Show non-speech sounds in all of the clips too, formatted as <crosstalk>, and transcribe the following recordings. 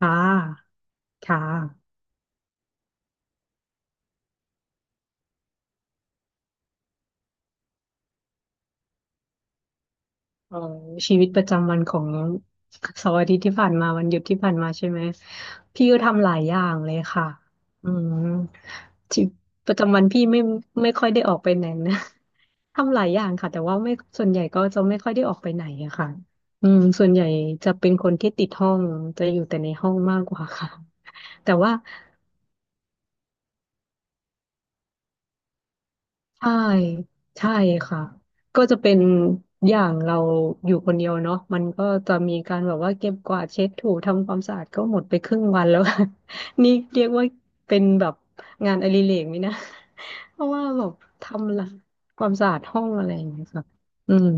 ค่ะค่ะเอ่อชีวิตประจำวันของเสาร์อาทิตย์ที่ผ่านมาวันหยุดที่ผ่านมาใช่ไหมพี่ก็ทำหลายอย่างเลยค่ะอืมชีวิตประจำวันพี่ไม่ค่อยได้ออกไปไหนนะ <laughs> ทำหลายอย่างค่ะแต่ว่าไม่ส่วนใหญ่ก็จะไม่ค่อยได้ออกไปไหนอะค่ะอืมส่วนใหญ่จะเป็นคนที่ติดห้องจะอยู่แต่ในห้องมากกว่าค่ะแต่ว่า ใช่ ใช่ค่ะ ก็จะเป็นอย่างเราอยู่คนเดียวเนาะมันก็จะมีการแบบว่าเก็บกวาดเช็ดถูทำความสะอาดก็หมดไปครึ่งวันแล้ว <laughs> นี่เรียกว่าเป็นแบบงานอดิเรกไหมนะ <laughs> เพราะว่าแบบทำละความสะอาดห้องอะไรอย่างเงี้ยค่ะอืม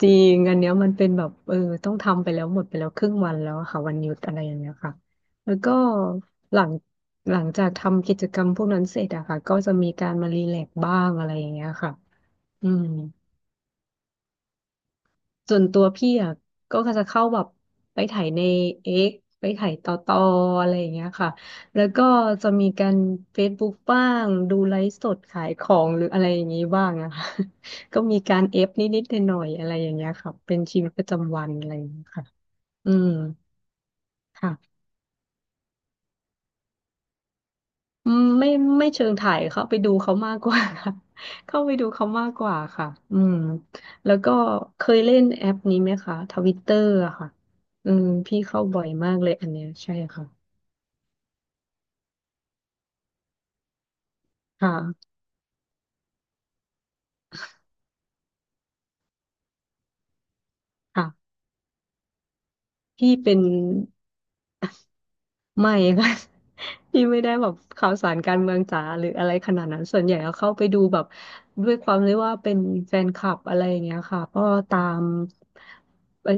จริงอันเนี้ยมันเป็นแบบเออต้องทำไปแล้วหมดไปแล้วครึ่งวันแล้วอะค่ะวันหยุดอะไรอย่างเงี้ยค่ะแล้วก็หลังหลังจากทำกิจกรรมพวกนั้นเสร็จอะค่ะก็จะมีการมารีแลกซ์บ้างอะไรอย่างเงี้ยค่ะอืม ส่วนตัวพี่อ่ะก็จะเข้าแบบไปถ่ายในเอ็กไปถ่ายต่ออะไรอย่างเงี้ยค่ะแล้วก็จะมีการ Facebook บ้างดูไลฟ์สดขายของหรืออะไรอย่างงี้บ้างอะค่ะ <laughs> ก็มีการเอฟนิดๆหน่อยๆอะไรอย่างเงี้ยค่ะเป็นชีวิตประจำวันอะไรอย่างเงี้ยค่ะอืมค่ะ อืมไม่เชิงถ่ายเข้าไปดูเขามากกว่า <laughs> เข้าไปดูเขามากกว่าค่ะอืมแล้วก็เคยเล่นแอปนี้ไหมคะทวิตเตอร์อะค่ะอืมพี่เข้าบ่อยมากเลยอันเนี้ยใช่ค่ะค่ะค่ะพี่เป็น ไม่ค่ะ <laughs> พี่ไม่ได้แบบข่าวสารการเมืองจ๋าหรืออะไรขนาดนั้นส่วนใหญ่ก็เข้าไปดูแบบด้วยความที่ว่าเป็นแฟนคลับอะไรอย่างเงี้ยค่ะก็ตามไอ้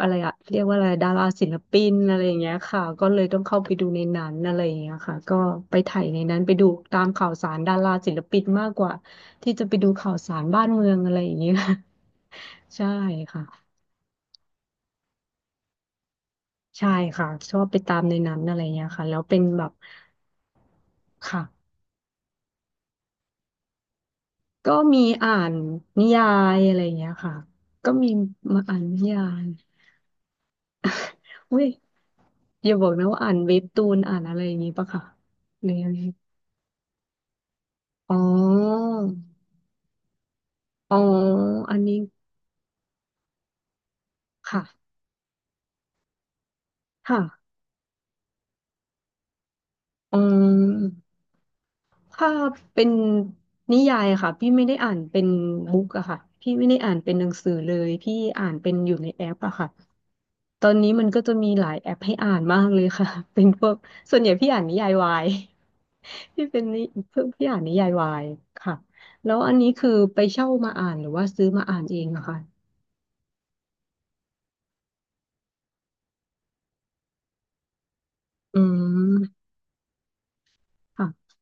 อะไรอะเรียกว่าอะไรดาราศิลปินอะไรอย่างเงี้ยค่ะก็เลยต้องเข้าไปดูในนั้นอะไรอย่างเงี้ยค่ะก็ไปถ่ายในนั้นไปดูตามข่าวสารดาราศิลปินมากกว่าที่จะไปดูข่าวสารบ้านเมืองอะไรอย่างเงี้ย <laughs> ใช่ค่ะใช่ค่ะชอบไปตามในนั้นอะไรเงี้ยค่ะแล้วเป็นแบบค่ะ ก็มีอ่านนิยายอะไรอย่างเงี้ยค่ะก็มีมาอ่านนิยายอุ้ยอย่าบอกนะว่าอ่านเว็บตูนอ่านอะไรอย่างงี้ปะค่ะหรือยังไงอ๋ออ๋ออันนี้ค่ะค่ะอ๋อ ถ้าเป็นนิยายอะค่ะพี่ไม่ได้อ่านเป็นบุ๊กอะค่ะพี่ไม่ได้อ่านเป็นหนังสือเลยพี่อ่านเป็นอยู่ในแอปอะค่ะตอนนี้มันก็จะมีหลายแอปให้อ่านมากเลยค่ะ <laughs> เป็นพวกส่วนใหญ่พี่อ่านนิยายวาย <laughs> พี่เป็นนิเพิ่งพี่อ่านนิยายวายค่ะแล้วอันนี้คือไปเช่ามาอ่านหรือว่าซื้อมาอ่านเองอะค่ะอืมค่ะ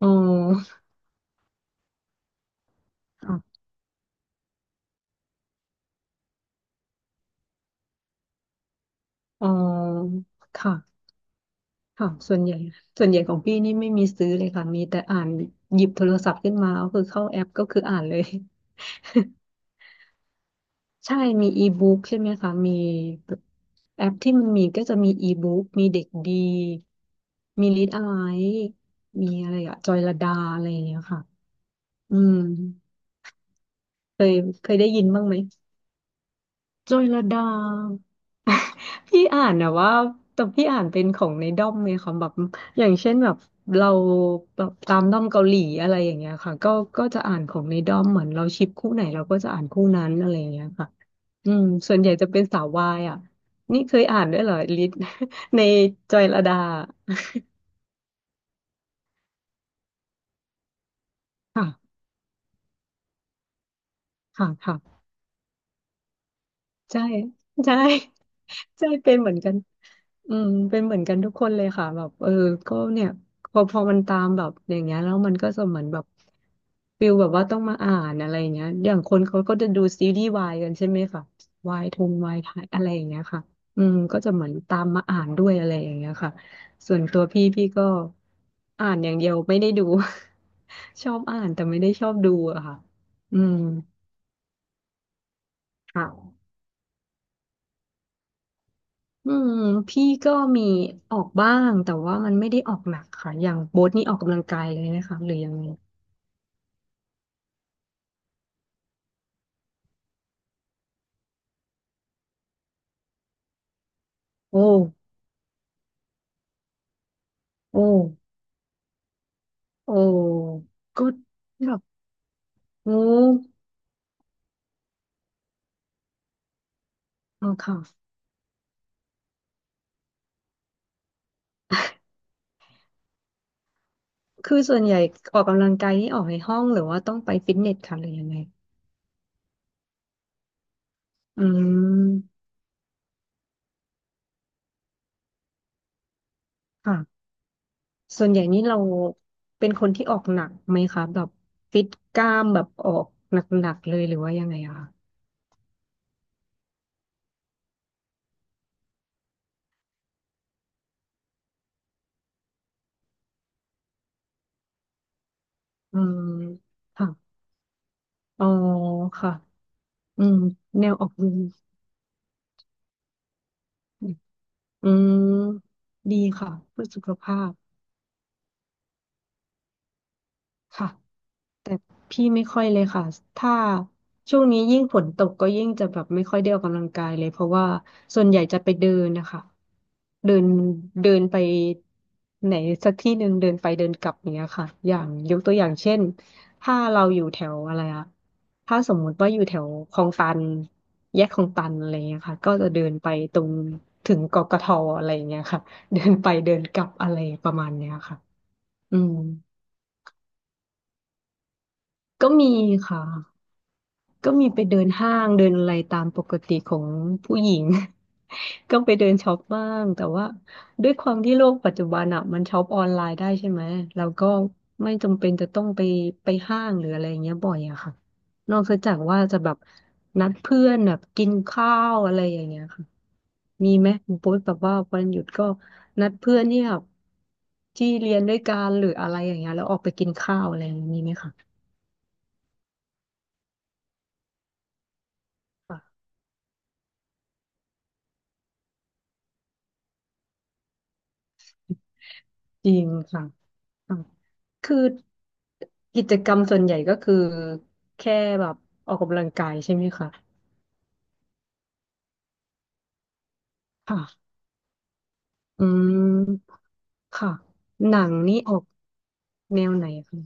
อ๋อค่ะอ๋อค่ะ ค่ะส่วนใหญ่ของพี่นี่ไม่มีซื้อเลยค่ะมีแต่อ่านหยิบโทรศัพท์ขึ้นมาก็คือเข้าแอปก็คืออ่านเลย <laughs> ใช่มีอีบุ๊กใช่ไหมคะมีแบบแอปที่มันมีก็จะมีอีบุ๊กมีเด็กดีมีลิดอะไรมีอะไรอะจอยลดาอะไรอย่างเงี้ยค่ะอืมเคยเคยได้ยินบ้างไหม จอยลดา <laughs> พี่อ่านนะว่าแต่พี่อ่านเป็นของในด้อมเลยค่ะแบบอย่างเช่นแบบเราแบบตามด้อมเกาหลีอะไรอย่างเงี้ยค่ะก็จะอ่านของในด้อมเหมือนเราชิปคู่ไหนเราก็จะอ่านคู่นั้นอะไรอย่างเงี้ยค่ะอืมส่วนใหญ่จะเป็นสาววายอ่ะนี่เคยอ่านด้วยเหรอลิศ <laughs> ในจอยลดาค่ะค่ะค่ะ ใช่ใช่ใช่เป็นเหมือนกันอืมเป็นเหมือนกันทุกคนเลยค่ะแบบเออก็เนี่ยพอมันตามแบบอย่างเงี้ยแล้วมันก็จะเหมือนแบบฟิลแบบว่าต้องมาอ่านอะไรอย่างเงี้ยอย่างคนเขาก็จะดูซีรีส์วายกันใช่ไหมค่ะวายทงวายไทยอะไรอย่างเงี้ยค่ะอืมก็จะเหมือนตามมาอ่านด้วยอะไรอย่างเงี้ยค่ะส่วนตัวพี่ก็อ่านอย่างเดียวไม่ได้ดู <laughs> ชอบอ่านแต่ไม่ได้ชอบดูอะค่ะอืมค่ะ อืมพี่ก็มีออกบ้างแต่ว่ามันไม่ได้ออกหนักค่ะอย่างโบ๊ทนี่ออกกำลังกายเลยนะคะหรือยังไงโอ้โอ้โอ้ก็แบบโอ้อ๋อค่ะคือส่วนใหญ่ออกกำลังกายนี่ออกในห้องหรือว่าต้องไปฟิตเนสค่ะหรือยังไงอืมค่ะส่วนใหญ่นี่เราเป็นคนที่ออกหนักไหมคะแบบฟิตกล้ามแบบออกหนักๆเลยหรือว่ายังไงอะคะอืมค่ะอ๋อค่ะอืมแนวออกกำลัง อืมดีค่ะเพื่อสุขภาพค่ะ แต่พี่ไม่ค่อยเลยค่ะถ้าช่วงนี้ยิ่งฝนตกก็ยิ่งจะแบบไม่ค่อยได้ออกกำลังกายเลยเพราะว่าส่วนใหญ่จะไปเดินนะคะเดินเดินไปไหนสักที่หนึ่งเดินไปเดินกลับอย่างเนี้ยค่ะอย่างยกตัวอย่างเช่นถ้าเราอยู่แถวอะไรอะถ้าสมมุติว่าอยู่แถวคลองตันแยกคลองตันอะไรเงี้ยค่ะก็จะเดินไปตรงถึงกกทอะไรเงี้ยค่ะเดินไปเดินกลับอะไรประมาณเนี้ยค่ะอืมก็มีค่ะ ก็มีไปเดินห้างเดินอะไรตามปกติของผู้หญิง <laughs> ก็ไปเดินช็อปบ้างแต่ว่าด้วยความที่โลกปัจจุบันอ่ะมันช็อปออนไลน์ได้ใช่ไหมเราก็ไม่จำเป็นจะต้องไปห้างหรืออะไรอย่างเงี้ยบ่อยอะค่ะนอกจากว่าจะแบบนัดเพื่อนแบบกินข้าวอะไรอย่างเงี้ยค่ะมีไหมคุณโป๊ยแบบว่าวันหยุดก็นัดเพื่อนเนี่ยที่เรียนด้วยกันหรืออะไรอย่างเงี้ยแล้วออกไปกินข้าวอะไรอย่างงี้มีไหมคะค่ะจริงค่ะ อ่ะคือกิจกรรมส่วนใหญ่ก็คือแค่แบบออกกำลังกายใช่ไหมคะค่ะอืมค่ะหนังนี่ออกแนวไหนคะ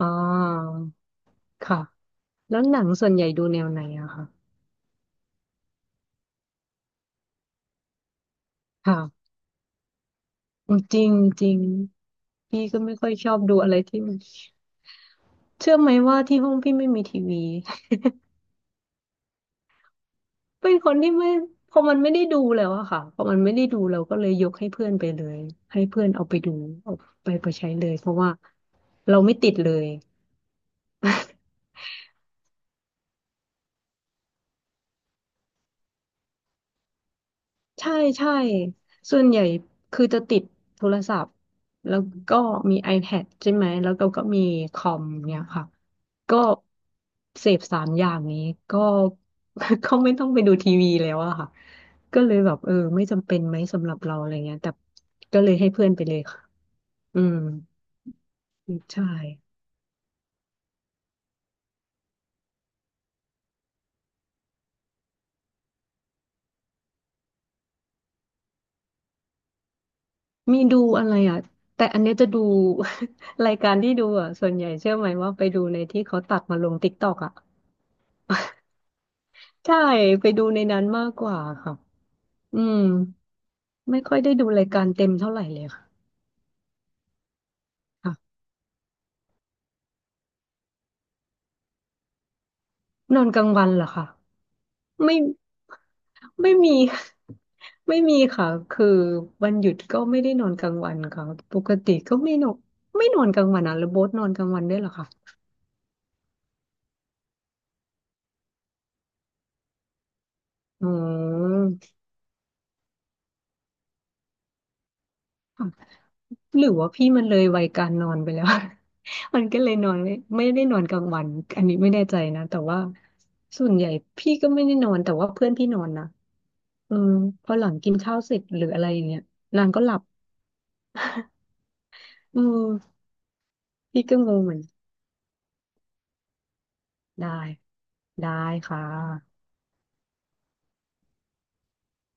อ่าค่ะแล้วหนังส่วนใหญ่ดูแนวไหนอะคะค่ะจริงจริงพี่ก็ไม่ค่อยชอบดูอะไรที่มันเชื่อไหมว่าที่ห้องพี่ไม่มีทีวี เป็นคนที่ไม่พอมันไม่ได้ดูแล้วอะค่ะพอมันไม่ได้ดูเราก็เลยยกให้เพื่อนไปเลยให้เพื่อนเอาไปดูเอาไปใช้เลยเพราะว่าเราไม่ติดเลยใช่ใช่ส่วนใหญ่คือจะติดโทรศัพท์แล้วก็มี iPad ใช่ไหมแล้วเราก็มีคอมเนี่ยค่ะก็เสพสามอย่างนี้ก็ <laughs> ก็ไม่ต้องไปดูทีวีแล้วอะค่ะก็เลยแบบเออไม่จำเป็นไหมสำหรับเราอะไรเงี้ยแต่ก็เลยให้เพื่อนไปเลยค่ะอืม ใช่มีดูอะไรอ่ะแต่อันเนี้ยจะดู <laughs> รายการที่ดูอ่ะส่วนใหญ่เชื่อไหมว่าไปดูในที่เขาตัดมาลงติ๊กตอกอ่ะ <laughs> ใช่ไปดูในนั้นมากกว่าค่ะอืมไม่ค่อยได้ดูรายการเต็มเท่าไหร่เลยค่ะค่ะนอนกลางวันเหรอคะไม่ไม่มี <laughs> ไม่มีค่ะคือวันหยุดก็ไม่ได้นอนกลางวันค่ะปกติก็ไม่นอนไม่นอนกลางวันอ่ะแล้วโบ๊ทนอนกลางวันด้วยเหรอคะอ๋อ หรือว่าพี่มันเลยวัยการนอนไปแล้ว <laughs> มันก็เลยนอนไม่ได้นอนกลางวันอันนี้ไม่แน่ใจนะแต่ว่าส่วนใหญ่พี่ก็ไม่ได้นอนแต่ว่าเพื่อนพี่นอนนะเออพอหลังกินข้าวเสร็จหรืออะไรอย่างเงี้ยนางก็หลับเออพี่ก็งงเหมือนได้ได้ค่ะ